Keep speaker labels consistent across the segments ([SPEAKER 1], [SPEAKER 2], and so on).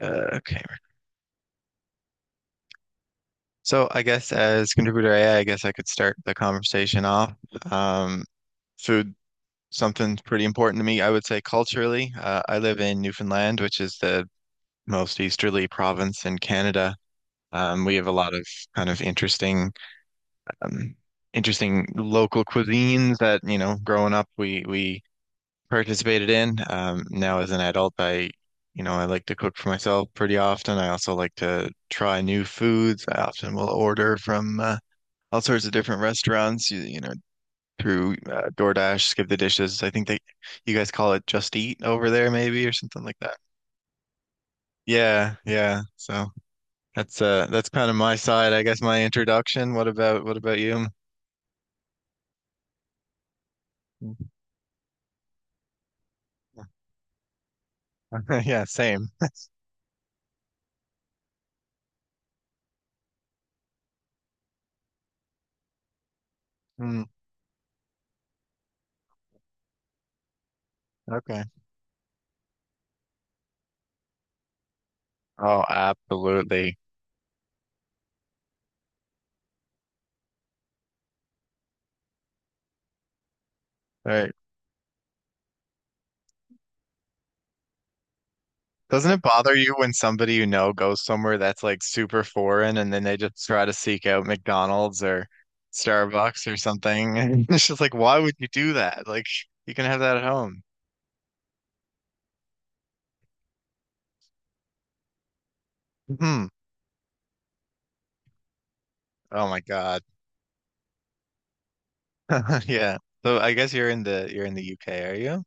[SPEAKER 1] Uh, okay. So I guess as contributor AI, guess I could start the conversation off. Um, food, something's pretty important to me. I would say culturally, I live in Newfoundland, which is the most easterly province in Canada. We have a lot of kind of um, interesting local cuisines that, you know, growing up, we participated in. Now as an adult, I, you know, I like to cook for myself pretty often. I also like to try new foods. I often will order from all sorts of different restaurants, you know, through DoorDash, Skip the Dishes. I think they, you guys call it Just Eat over there, maybe, or something like that. Yeah, yeah. So that's that's kind of my side, I guess, my introduction. What about you? Yeah, same. Mm, okay. Oh, absolutely. Right. Doesn't it bother you when somebody you know goes somewhere that's like super foreign and then they just try to seek out McDonald's or Starbucks or something? And it's just like, why would you do that? Like, you can have that at home. Hmm. Oh my God. Yeah. So I guess you're in the UK, are you?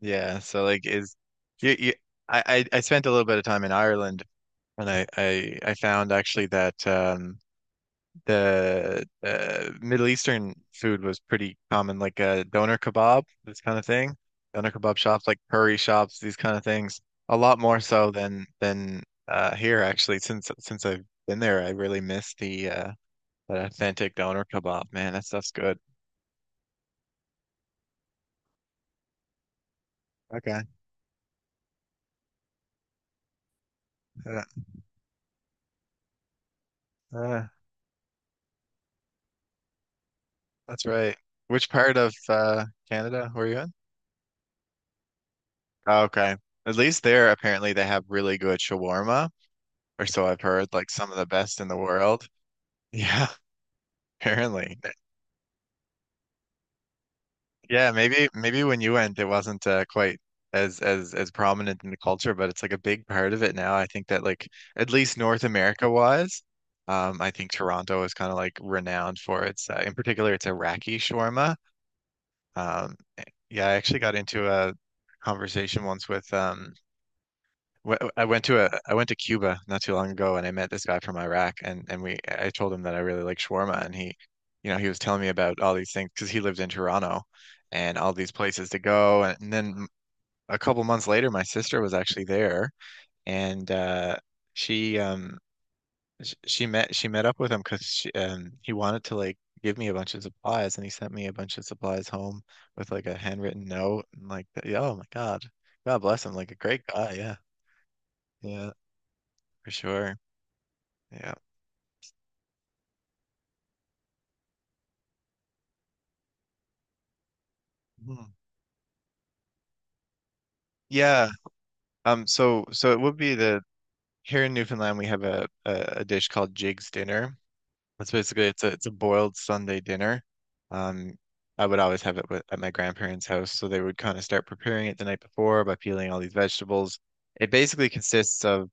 [SPEAKER 1] Yeah. So like, is you, you I I spent a little bit of time in Ireland and I I found actually that the Middle Eastern food was pretty common, like doner kebab, this kind of thing. Doner kebab shops, like curry shops, these kind of things. A lot more so than here actually. Since I've been there, I really miss the that authentic doner kebab. Man, that stuff's good. Okay, uh, uh, that's right. Which part of Canada were you in? Oh, okay, at least there apparently they have really good shawarma, or so I've heard. Like some of the best in the world. Yeah. Apparently. Yeah, maybe when you went it wasn't quite as prominent in the culture, but it's like a big part of it now. I think that like at least North America wise, I think Toronto is kind of like renowned for its in particular its Iraqi shawarma. Um, yeah, I actually got into a conversation once with I went to a I went to Cuba not too long ago and I met this guy from Iraq and we I told him that I really like shawarma and he you know he was telling me about all these things because he lived in Toronto and all these places to go and then a couple months later my sister was actually there and she um she met up with him because she he wanted to like give me a bunch of supplies and he sent me a bunch of supplies home with like a handwritten note and like yeah, oh my God. God bless him, like a great guy. Yeah, yeah, for sure. Yeah. Hmm. Yeah. So so it would be the here in Newfoundland we have a dish called Jig's dinner. It's basically it's a boiled Sunday dinner. Um, I would always have it with, at my grandparents' house, so they would kind of start preparing it the night before by peeling all these vegetables. It basically consists of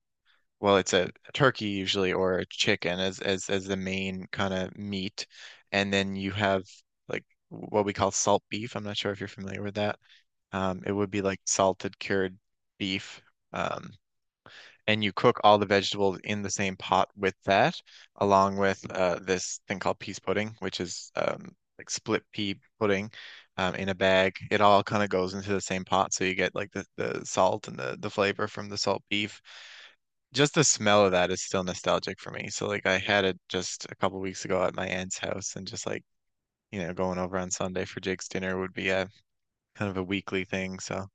[SPEAKER 1] well, it's a turkey usually or a chicken as as the main kind of meat, and then you have like what we call salt beef. I'm not sure if you're familiar with that. It would be like salted cured beef. Um, and you cook all the vegetables in the same pot with that, along with this thing called peas pudding, which is like split pea pudding in a bag. It all kind of goes into the same pot, so you get like the salt and the flavor from the salt beef. Just the smell of that is still nostalgic for me. So like I had it just a couple weeks ago at my aunt's house, and just like you know going over on Sunday for Jake's dinner would be a kind of a weekly thing. So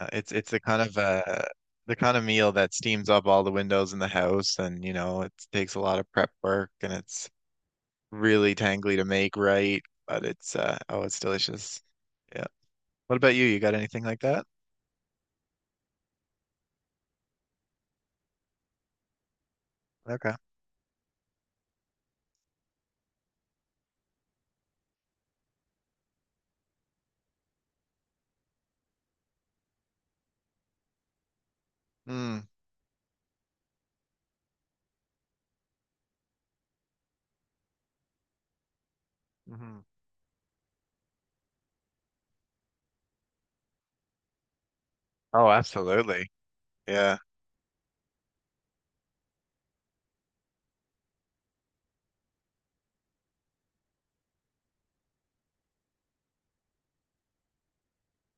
[SPEAKER 1] It's it's the kind of meal that steams up all the windows in the house and you know it takes a lot of prep work and it's really tangly to make right, but it's oh it's delicious. Yeah. What about you? You got anything like that? Okay. Mm, hmm. Oh, absolutely. Yeah.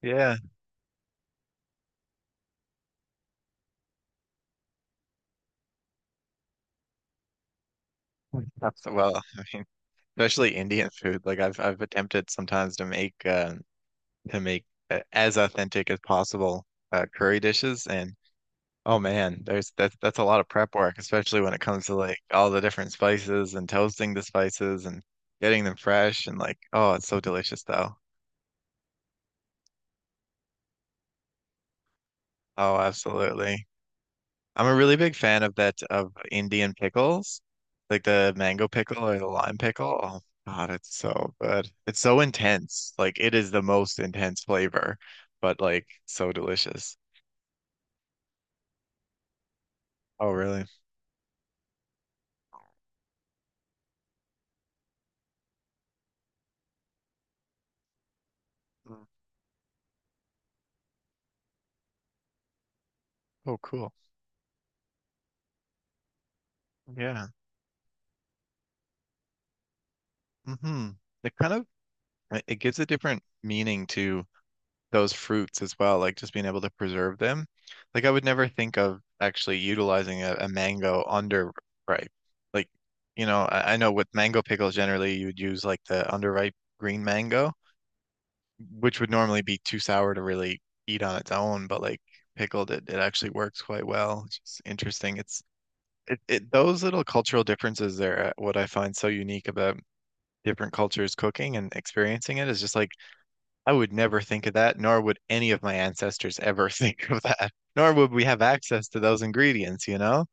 [SPEAKER 1] Yeah. I mean, especially Indian food. Like I've attempted sometimes to make as authentic as possible curry dishes and oh man, there's that's a lot of prep work, especially when it comes to like all the different spices and toasting the spices and getting them fresh and like oh, it's so delicious though. Oh, absolutely. I'm a really big fan of that of Indian pickles, like the mango pickle or the lime pickle. Oh God, it's so good. It's so intense. Like it is the most intense flavor, but like so delicious. Oh, really? Mm. Oh, cool. Yeah. Mm-hmm. It kind of it gives a different meaning to those fruits as well, like just being able to preserve them. Like I would never think of actually utilizing a mango under ripe. Like, you know, I know with mango pickles generally you would use like the underripe green mango, which would normally be too sour to really eat on its own, but like pickled it, it actually works quite well. It's just interesting. It's it, it those little cultural differences there, what I find so unique about different cultures cooking and experiencing it is just like I would never think of that, nor would any of my ancestors ever think of that, nor would we have access to those ingredients, you know,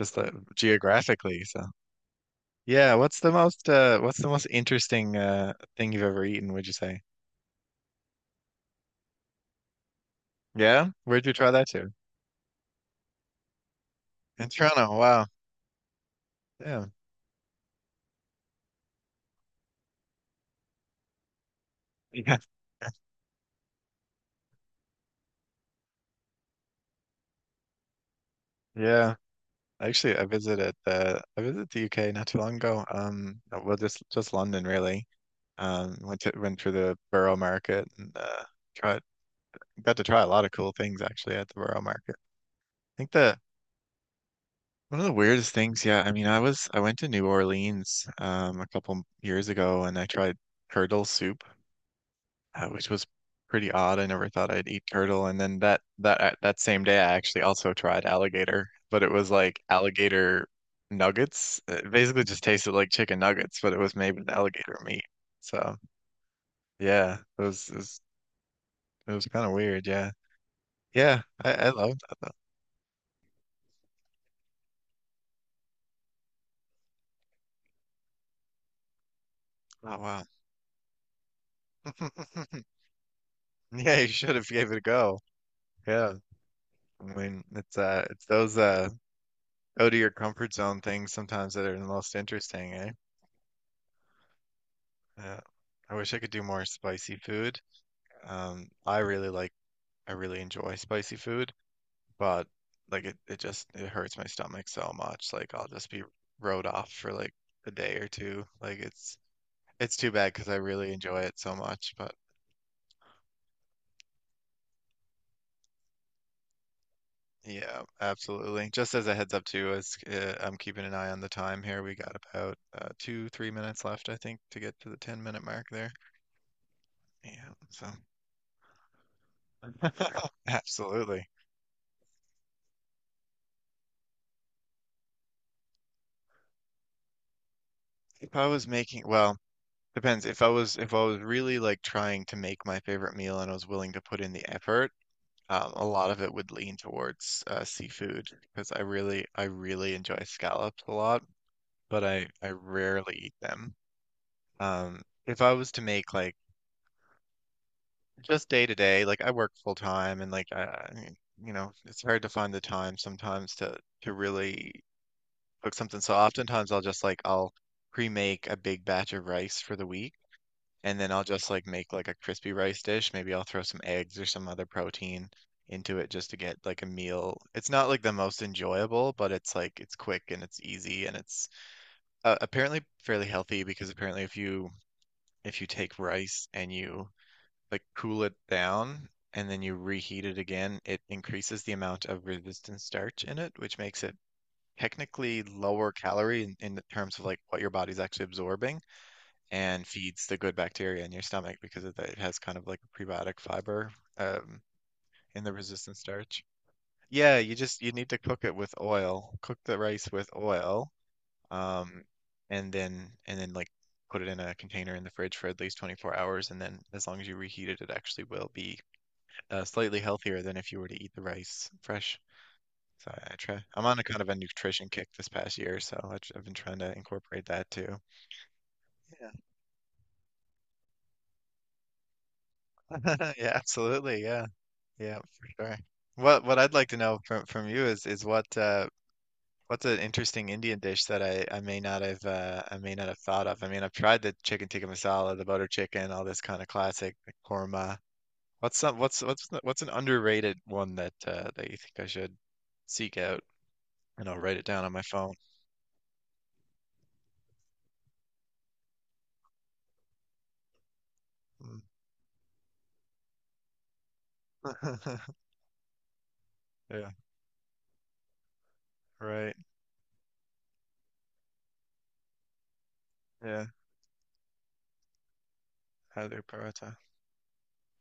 [SPEAKER 1] just geographically. So, yeah, what's the most interesting thing you've ever eaten, would you say? Yeah? Where'd you try that to? In Toronto. Wow. Yeah. Yeah. Yeah. Actually, I visited the UK not too long ago. Well, just London really. Went through the Borough Market and tried got to try a lot of cool things actually at the Borough Market. I think the one of the weirdest things, yeah, I mean, I went to New Orleans a couple years ago and I tried turtle soup, which was pretty odd. I never thought I'd eat turtle, and then that that same day I actually also tried alligator, but it was like alligator nuggets. It basically just tasted like chicken nuggets, but it was made with alligator meat. So yeah, it was kind of weird. Yeah, yeah, I loved that though. Oh wow. Yeah, you should have gave it a go. Yeah. I mean, it's those out of your comfort zone things sometimes that are the most interesting, eh? Yeah. I wish I could do more spicy food. Um, I really like I really enjoy spicy food, but like it just it hurts my stomach so much. Like I'll just be rode off for like a day or two. Like it's too bad because I really enjoy it so much, but yeah, absolutely. Just as a heads up too, as I'm keeping an eye on the time here, we got about 3 minutes left, I think, to get to the 10-minute mark there. Yeah, so absolutely. If I was making, well, depends. If I was really like trying to make my favorite meal and I was willing to put in the effort, a lot of it would lean towards seafood because I really enjoy scallops a lot, but I rarely eat them. If I was to make like just day to day, like I work full time and like I mean, you know, it's hard to find the time sometimes to really cook something. So oftentimes I'll just like I'll pre-make a big batch of rice for the week and then I'll just like make like a crispy rice dish. Maybe I'll throw some eggs or some other protein into it just to get like a meal. It's not like the most enjoyable, but it's like it's quick and it's easy and it's apparently fairly healthy because apparently if you take rice and you like cool it down and then you reheat it again, it increases the amount of resistant starch in it, which makes it technically lower calorie in terms of like what your body's actually absorbing and feeds the good bacteria in your stomach because of that it has kind of like a prebiotic fiber um, in the resistant starch. Yeah, you need to cook it with oil. Cook the rice with oil, um, and then like put it in a container in the fridge for at least 24 hours, and then as long as you reheat it, it actually will be slightly healthier than if you were to eat the rice fresh. So I try. I'm on a kind of a nutrition kick this past year, so I, have been trying to incorporate that too. Yeah, yeah, absolutely. Yeah, yeah, for sure. What I'd like to know from you is what what's an interesting Indian dish that I may not have I may not have thought of. I mean, I've tried the chicken tikka masala, the butter chicken, all this kind of classic the korma. What's some what's the- what's an underrated one that that you think I should seek out? And I'll write it down on my phone. Hmm. Yeah, right. Yeah, aloo paratha.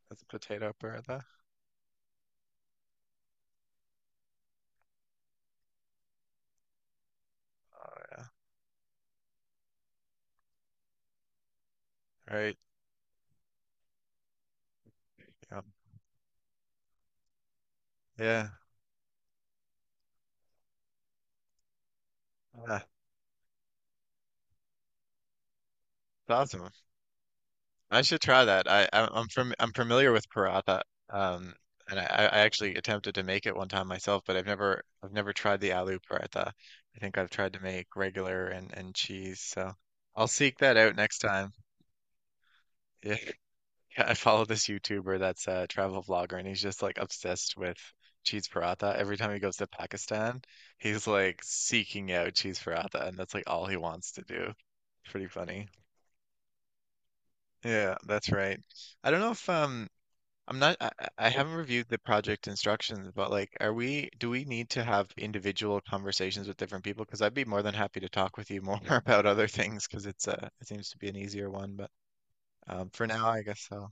[SPEAKER 1] That's potato paratha. Oh yeah, right. Yum. Yeah, yeah. That's awesome. I should try that. I'm familiar with paratha. Um, and I actually attempted to make it one time myself, but I've never tried the aloo paratha. I think I've tried to make regular and cheese. So I'll seek that out next time. Yeah. Yeah, I follow this YouTuber that's a travel vlogger, and he's just like obsessed with cheese paratha. Every time he goes to Pakistan, he's like seeking out cheese paratha, and that's like all he wants to do. Pretty funny. Yeah, that's right. I don't know if I I haven't reviewed the project instructions, but like are we do we need to have individual conversations with different people? Because I'd be more than happy to talk with you more about other things because it's it seems to be an easier one, but for now I guess so.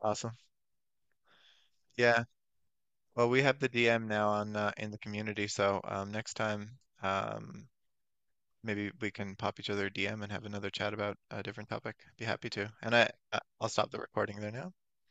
[SPEAKER 1] Awesome. Yeah. Well, we have the DM now on in the community, so next time maybe we can pop each other a DM and have another chat about a different topic. Be happy to. I'll stop the recording there now.